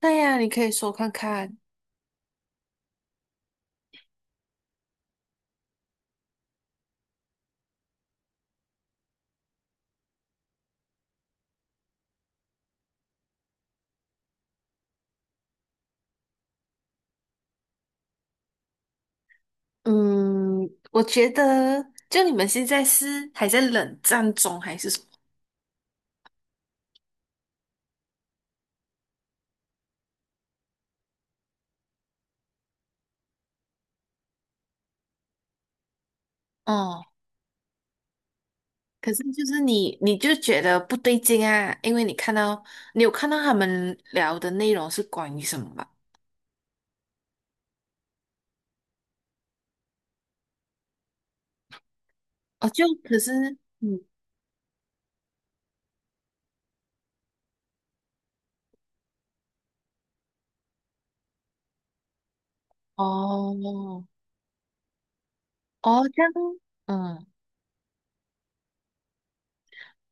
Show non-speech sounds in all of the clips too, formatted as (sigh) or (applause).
对呀，你可以说看看。嗯，我觉得就你们现在是还在冷战中还是什么？哦，可是你就觉得不对劲啊，因为你有看到他们聊的内容是关于什么吧？哦，就可是嗯，哦哦，这样，嗯。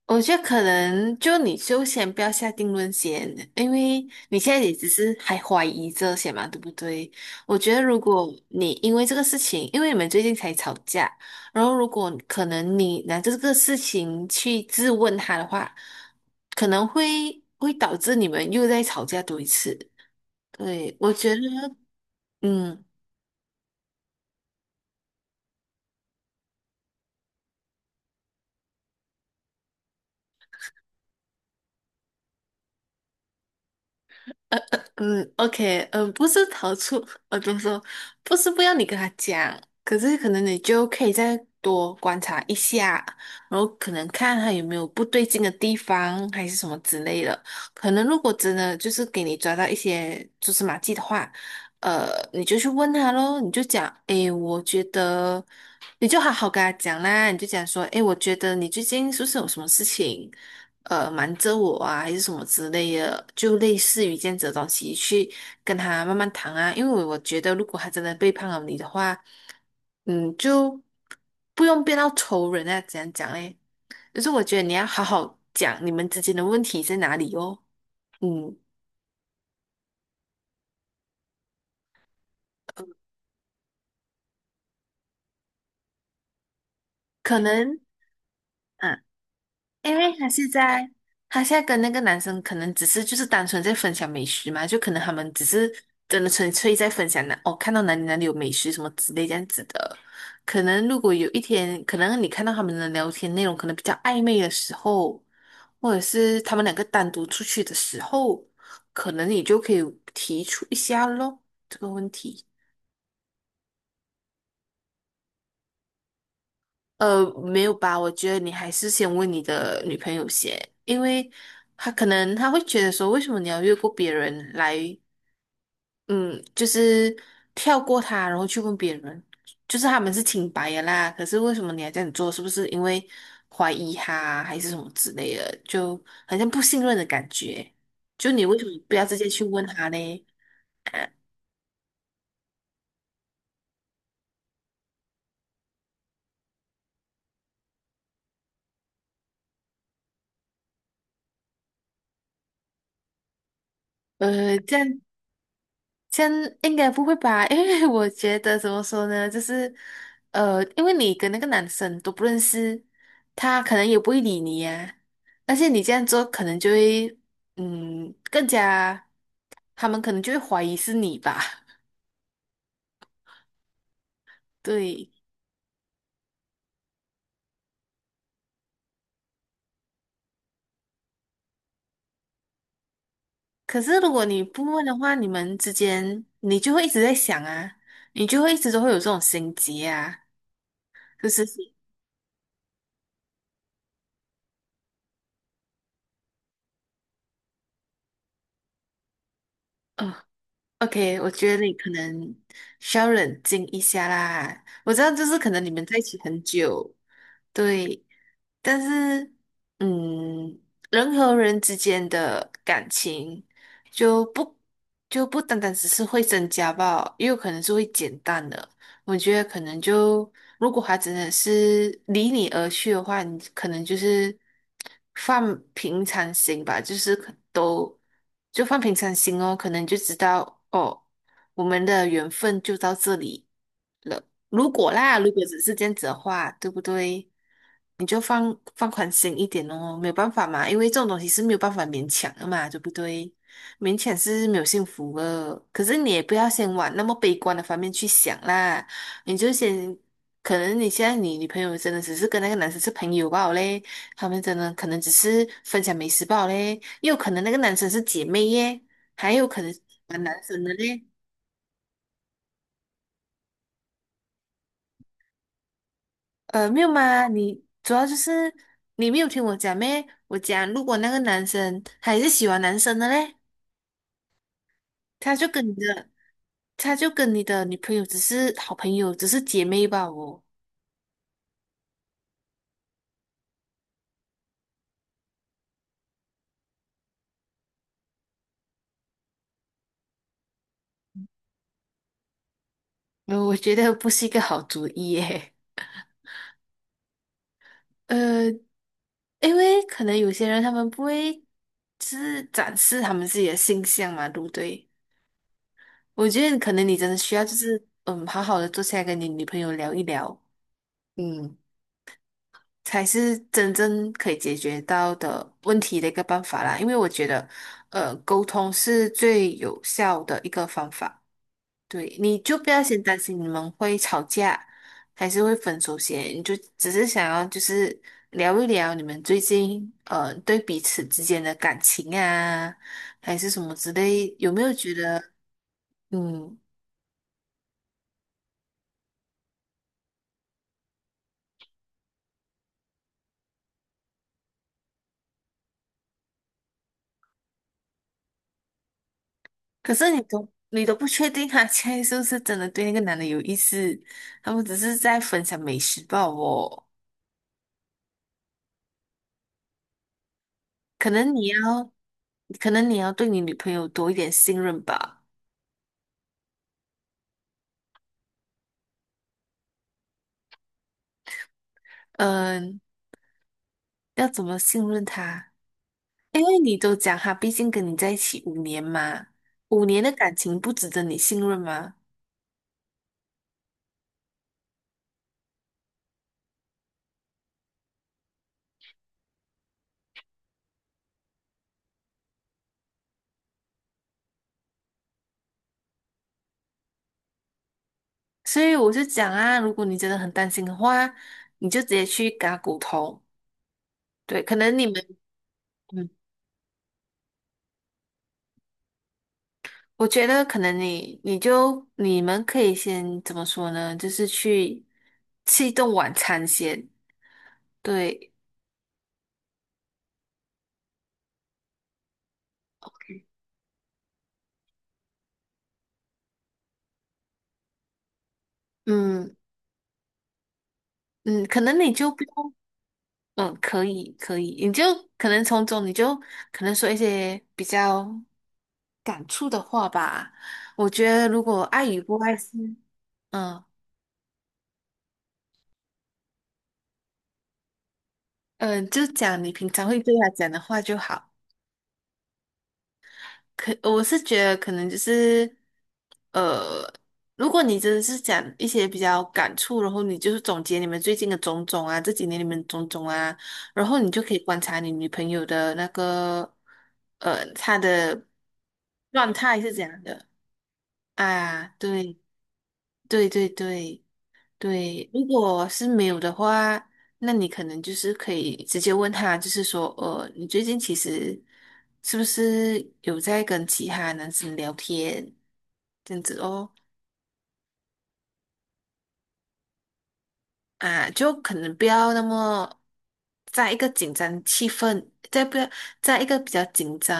我觉得可能就你就先不要下定论先，因为你现在也只是还怀疑这些嘛，对不对？我觉得如果你因为这个事情，因为你们最近才吵架，然后如果可能你拿这个事情去质问他的话，可能会导致你们又在吵架多一次。对，我觉得，嗯。嗯，OK，嗯，不是逃出，就么说？不是不要你跟他讲，可是可能你就可以再多观察一下，然后可能看他有没有不对劲的地方，还是什么之类的。可能如果真的就是给你抓到一些蛛丝马迹的话，你就去问他咯，你就讲，诶，我觉得。你就好好跟他讲啦，你就讲说，诶，我觉得你最近是不是有什么事情，瞒着我啊，还是什么之类的，就类似于这样子的东西，去跟他慢慢谈啊。因为我觉得，如果他真的背叛了你的话，嗯，就不用变到仇人啊，怎样讲嘞？就是我觉得你要好好讲你们之间的问题在哪里哦。嗯，可能啊。因为他现在，他现在跟那个男生可能只是就是单纯在分享美食嘛，就可能他们只是真的纯粹在分享那哦，看到哪里哪里有美食什么之类这样子的。可能如果有一天，可能你看到他们的聊天内容可能比较暧昧的时候，或者是他们两个单独出去的时候，可能你就可以提出一下咯，这个问题。没有吧？我觉得你还是先问你的女朋友先，因为她可能她会觉得说，为什么你要越过别人来，嗯，就是跳过他，然后去问别人，就是他们是清白的啦，可是为什么你还这样做？是不是因为怀疑他还是什么之类的？就好像不信任的感觉。就你为什么不要直接去问他呢？(laughs) 这样先应该不会吧？(laughs) 因为我觉得怎么说呢，就是因为你跟那个男生都不认识，他可能也不会理你呀、而且你这样做，可能就会更加,他们可能就会怀疑是你吧？(laughs) 对。可是如果你不问的话，你们之间你就会一直在想啊，你就会一直都会有这种心结啊，就是。呃 OK，我觉得你可能需要冷静一下啦。我知道，就是可能你们在一起很久，对，但是，嗯，人和人之间的感情就不就不单单只是会增加吧，也有可能是会减淡的。我觉得可能就如果他真的是离你而去的话，你可能就是放平常心吧，就是可都就放平常心哦，可能就知道哦。我们的缘分就到这里了。如果啦，如果只是这样子的话，对不对？你就放放宽心一点哦，没有办法嘛，因为这种东西是没有办法勉强的嘛，对不对？勉强是没有幸福的，可是你也不要先往那么悲观的方面去想啦，你就先。可能你现在你女朋友真的只是跟那个男生是朋友罢了嘞，他们真的可能只是分享美食罢了嘞，也有可能那个男生是姐妹耶，还有可能是喜欢男生的嘞。没有嘛，你主要就是你没有听我讲咩？我讲，如果那个男生他也是喜欢男生的嘞，他就跟你的，他就跟你的女朋友只是好朋友，只是姐妹吧哦。我觉得不是一个好主意耶。(laughs) 呃，因为可能有些人他们不会，就是展示他们自己的性向嘛，对不对？我觉得可能你真的需要就是，嗯，好好的坐下来跟你女朋友聊一聊，嗯。才是真正可以解决到的问题的一个办法啦。因为我觉得，沟通是最有效的一个方法。对，你就不要先担心你们会吵架，还是会分手先，你就只是想要就是聊一聊你们最近对彼此之间的感情啊，还是什么之类，有没有觉得嗯？可是你都不确定他 (laughs) 现在是不是真的对那个男的有意思，他们只是在分享美食报哦。可能你要，可能你要对你女朋友多一点信任吧。嗯，要怎么信任她？因为你都讲她毕竟跟你在一起五年嘛，五年的感情不值得你信任吗？所以我就讲啊，如果你真的很担心的话，你就直接去跟她头。对，可能你们，嗯，我觉得可能你就你们可以先怎么说呢？就是去吃一顿晚餐先。对，嗯嗯，可能你就不用。嗯，可以可以，你就可能从中你就可能说一些比较感触的话吧。我觉得如果爱与不爱是，嗯嗯，就讲你平常会对他讲的话就好。可我是觉得可能就是，呃，如果你真的是讲一些比较感触，然后你就是总结你们最近的种种啊，这几年你们种种啊，然后你就可以观察你女朋友的那个，她的状态是怎样的。啊，对对，如果是没有的话，那你可能就是可以直接问他，就是说，你最近其实是不是有在跟其他男生聊天这样子哦？啊，就可能不要那么在一个紧张气氛，在不要在一个比较紧张，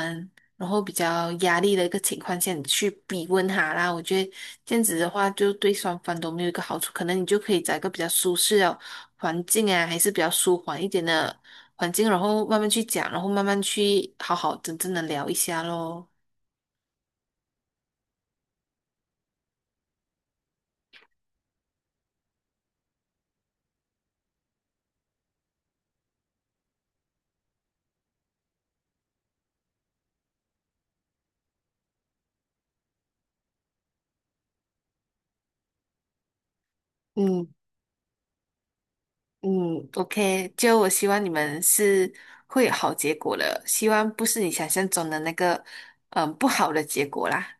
然后比较压力的一个情况下，你去逼问他啦。我觉得这样子的话，就对双方都没有一个好处。可能你就可以找一个比较舒适的环境啊，还是比较舒缓一点的环境，然后慢慢去讲，然后慢慢去好好真正的聊一下咯。嗯。嗯，OK，就我希望你们是会有好结果的，希望不是你想象中的那个，嗯，不好的结果啦。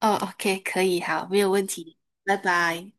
哦，OK，可以，好，没有问题，拜拜。